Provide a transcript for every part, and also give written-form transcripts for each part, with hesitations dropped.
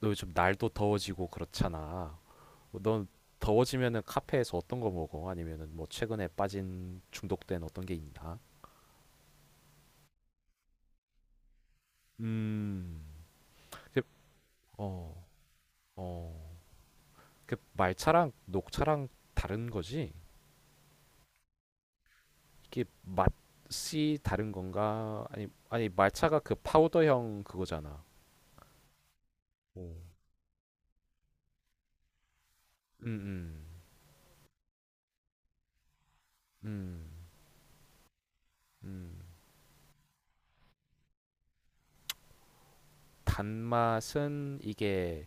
너 요즘 날도 더워지고 그렇잖아. 뭐 넌 더워지면은 카페에서 어떤 거 먹어? 아니면은 뭐 최근에 빠진 중독된 어떤 게 있나? 음. 그, 어, 어. 그 말차랑 녹차랑 다른 거지? 이게 맛이 다른 건가? 아니, 아니 말차가 그 파우더형 그거잖아. 오. 음, 음, 음, 음. 단맛은 이게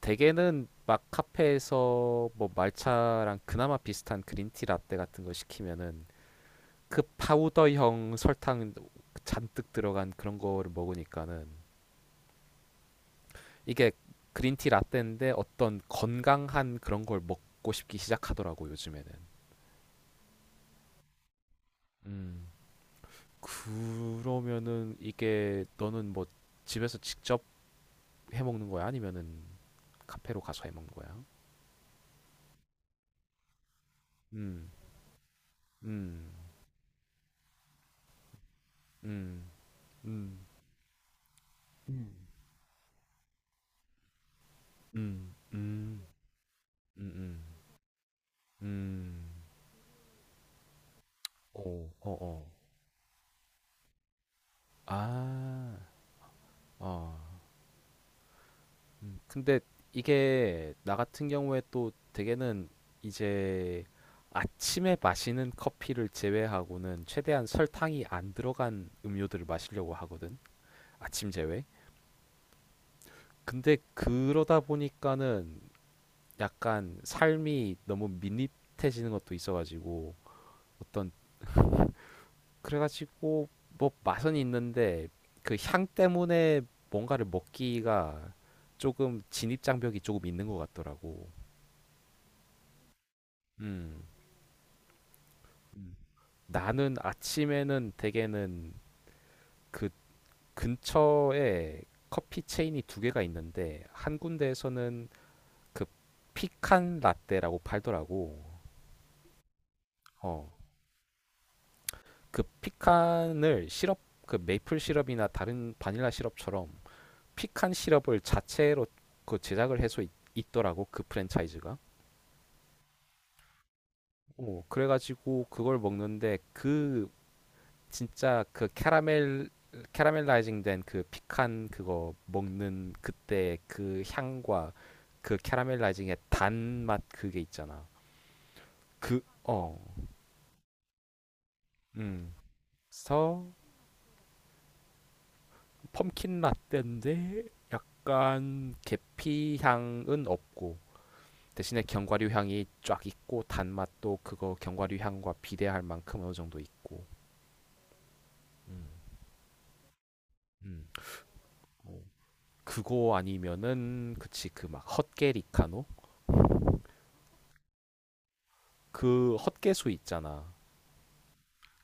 대개는 막 카페에서 뭐 말차랑 그나마 비슷한 그린티 라떼 같은 거 시키면은 그 파우더형 설탕 잔뜩 들어간 그런 거를 먹으니까는 이게 그린티 라떼인데 어떤 건강한 그런 걸 먹고 싶기 시작하더라고 요즘에는. 음. 그러면은 이게 너는 뭐 집에서 직접 해 먹는 거야? 아니면은 카페로 가서 해 먹는 거야? 음. 음. 음. 음. 음. 음. 음. 음음. 음. 오, 어 어어. 아. 어. 음. 근데 이게 나 같은 경우에 또 대개는 이제 아침에 마시는 커피를 제외하고는 최대한 설탕이 안 들어간 음료들을 마시려고 하거든. 아침 제외. 근데 그러다 보니까는 약간 삶이 너무 밋밋해지는 것도 있어가지고 어떤 그래가지고 뭐 맛은 있는데 그 향 때문에 뭔가를 먹기가 조금 진입 장벽이 조금 있는 것 같더라고. 음. 음. 나는 아침에는 대개는 그 근처에 커피 체인이 두 개가 있는데 한 군데에서는 그 피칸 라떼라고 팔더라고. 어. 그 피칸을 시럽 그 메이플 시럽이나 다른 바닐라 시럽처럼 피칸 시럽을 자체로 그 제작을 해서 있더라고 그 프랜차이즈가. 어, 그래가지고 그걸 먹는데 그 진짜 그 캐러멜 캐러멜라이징 된 그 피칸 그거 먹는 그때 그 향과 그 캐러멜라이징의 단맛 그게 있잖아. 그 어. 음. 그래서 펌킨 라떼인데 약간 계피 향은 없고 대신에 견과류 향이 쫙 있고 단맛도 그거 견과류 향과 비례할 만큼 어느 정도 있고 음. 음. 어. 그거 아니면은 그치 그 막 헛개리카노 그 헛개수 있잖아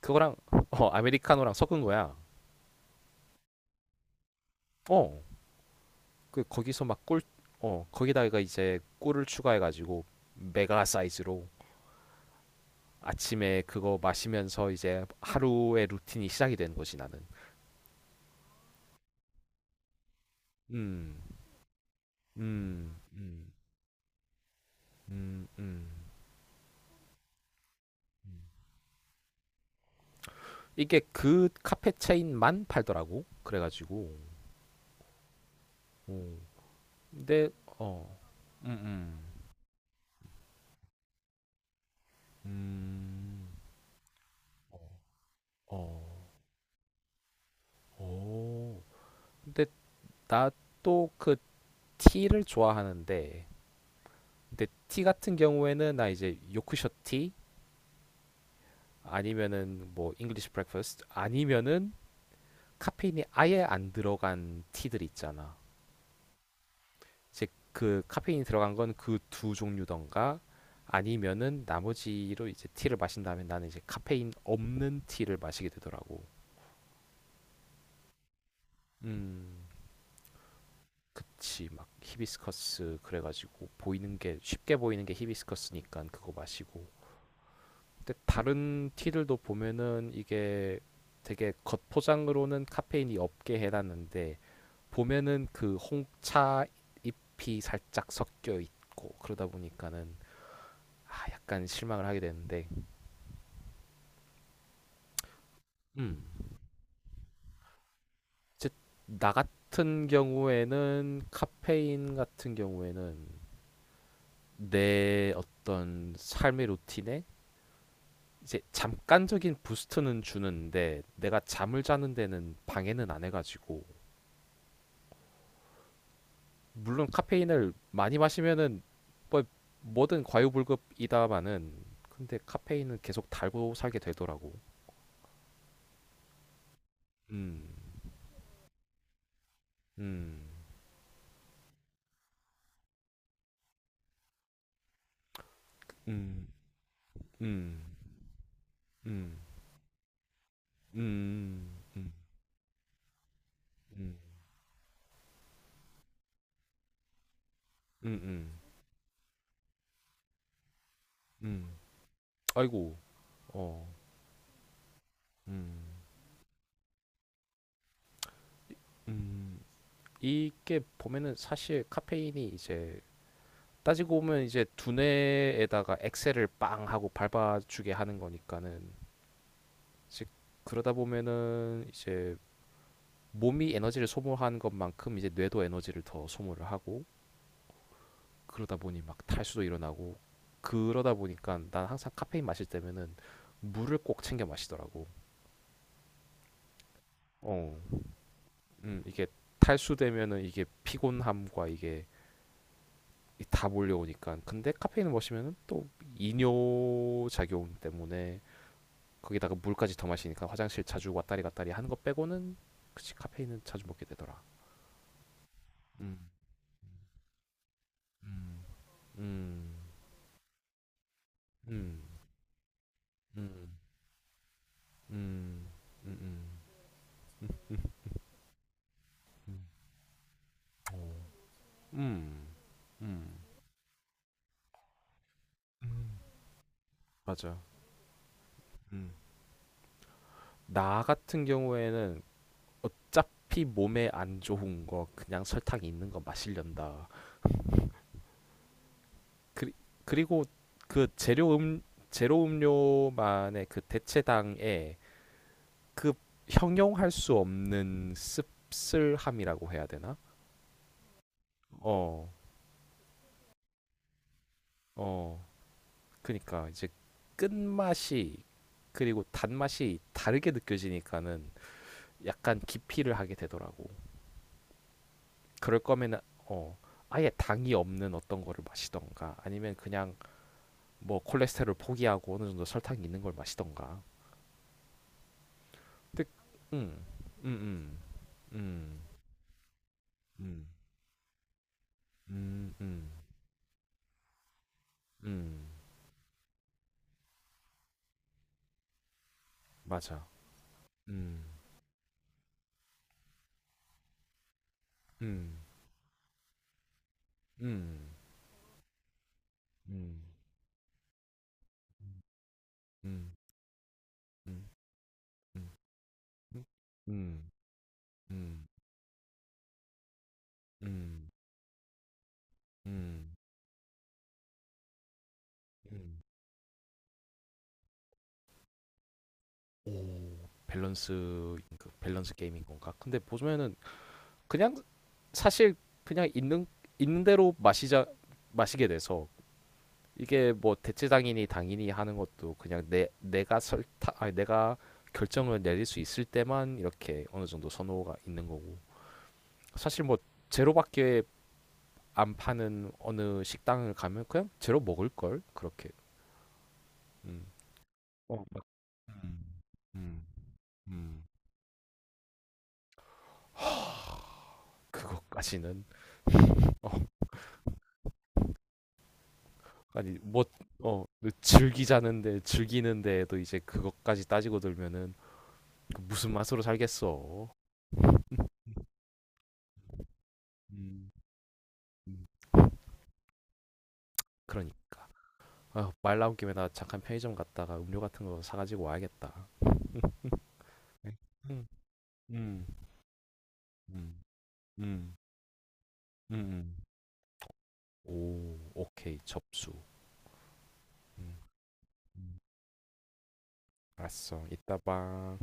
그거랑 어 아메리카노랑 섞은 거야 어 그 거기서 막 꿀 어 거기다가 이제 꿀을 추가해가지고 메가 사이즈로 아침에 그거 마시면서 이제 하루의 루틴이 시작이 되는 거지 나는. 음. 음, 음, 음, 음, 음. 이게 그 카페 체인만 팔더라고. 그래가지고. 어. 근데 어. 음. 음. 음. 어. 어. 근데 나 또 그 티를 좋아하는데 근데 티 같은 경우에는 나 이제 요크셔 티 아니면은 뭐 잉글리시 브렉퍼스트 아니면은 카페인이 아예 안 들어간 티들 있잖아. 이제 그 카페인이 들어간 건 그 두 종류던가 아니면은 나머지로 이제 티를 마신 다음에 나는 이제 카페인 없는 티를 마시게 되더라고. 음, 그치. 막 히비스커스 그래가지고 보이는 게 쉽게 보이는 게 히비스커스니까 그거 마시고. 근데 다른 티들도 보면은 이게 되게 겉포장으로는 카페인이 없게 해놨는데 보면은 그 홍차 잎이 살짝 섞여 있고 그러다 보니까는 아, 약간 실망을 하게 되는데. 음. 이제 나 같은 경우에는 카페인 같은 경우에는 내 어떤 삶의 루틴에 이제 잠깐적인 부스트는 주는데 내가 잠을 자는 데는 방해는 안 해가지고 물론 카페인을 많이 마시면은 뭐 뭐든 과유불급이다마는 근데 카페인은 계속 달고 살게 되더라고. 음. 음. 음. 음. 음. 음. 음. 음. 음. 음. 음. 아이고, 어, 음, 이- 음, 이게 보면은 사실 카페인이 이제 따지고 보면 이제 두뇌에다가 엑셀을 빵 하고 밟아주게 하는 거니까는 이제 그러다 보면은 이제 몸이 에너지를 소모한 것만큼 이제 뇌도 에너지를 더 소모를 하고 그러다 보니 막 탈수도 일어나고 그러다 보니까 난 항상 카페인 마실 때면은 물을 꼭 챙겨 마시더라고. 어, 이게 탈수되면은 이게 피곤함과 이게 다 몰려오니까. 근데 카페인을 마시면 또 이뇨 작용 때문에 거기다가 물까지 더 마시니까 화장실 자주 왔다리 갔다리 하는 거 빼고는 카페인은 자주 먹게 되더라. 음, 음, 음, 음, 음, 음, 음, 음, 음, 음, 오. 음, 음, 음. 맞아. 음. 나 같은 경우에는 어차피 몸에 안 좋은 거 그냥 설탕 있는 거 마시련다. 그리, 그리고 그 재료 제로 음료만의 그 대체당에 그 형용할 수 없는 씁쓸함이라고 해야 되나? 어, 어, 그러니까 이제 끝맛이 그리고 단맛이 다르게 느껴지니까는 약간 기피를 하게 되더라고. 그럴 거면 어 아예 당이 없는 어떤 거를 마시던가 아니면 그냥 뭐 콜레스테롤 포기하고 어느 정도 설탕이 있는 걸 마시던가. 근데 음, 음, 음. 음, 음, 음, 음, 음, 맞아. 음, 음, 음, 음, 음, 음, 음, 음, 음, 음, 음, 음. 오, 밸런스, 그 밸런스 게임인 건가? 근데 보면은 그냥 사실 그냥 있는 대로 마시자 마시게 돼서 이게 뭐 대체당인이 당인이 하는 것도 그냥 내 내가 설타 아니 내가 결정을 내릴 수 있을 때만 이렇게 어느 정도 선호가 있는 거고 사실 뭐 제로밖에 안 파는 어느 식당을 가면 그냥 제로 먹을 걸 그렇게. 음. 어, 음, 음, 음. 하, 그것까지는 어, 아니 뭐어 즐기자는데 즐기는데도 이제 그것까지 따지고 들면은 그 무슨 맛으로 살겠어. 음, 음. 그러니까. 아, 말 나온 김에 나 잠깐 편의점 갔다가 음료 같은 거 사가지고 와야겠다. 네. 음, 음, 음, 음, 음. 오, 오케이, 접수. 음, 음. 알았어. 이따 봐.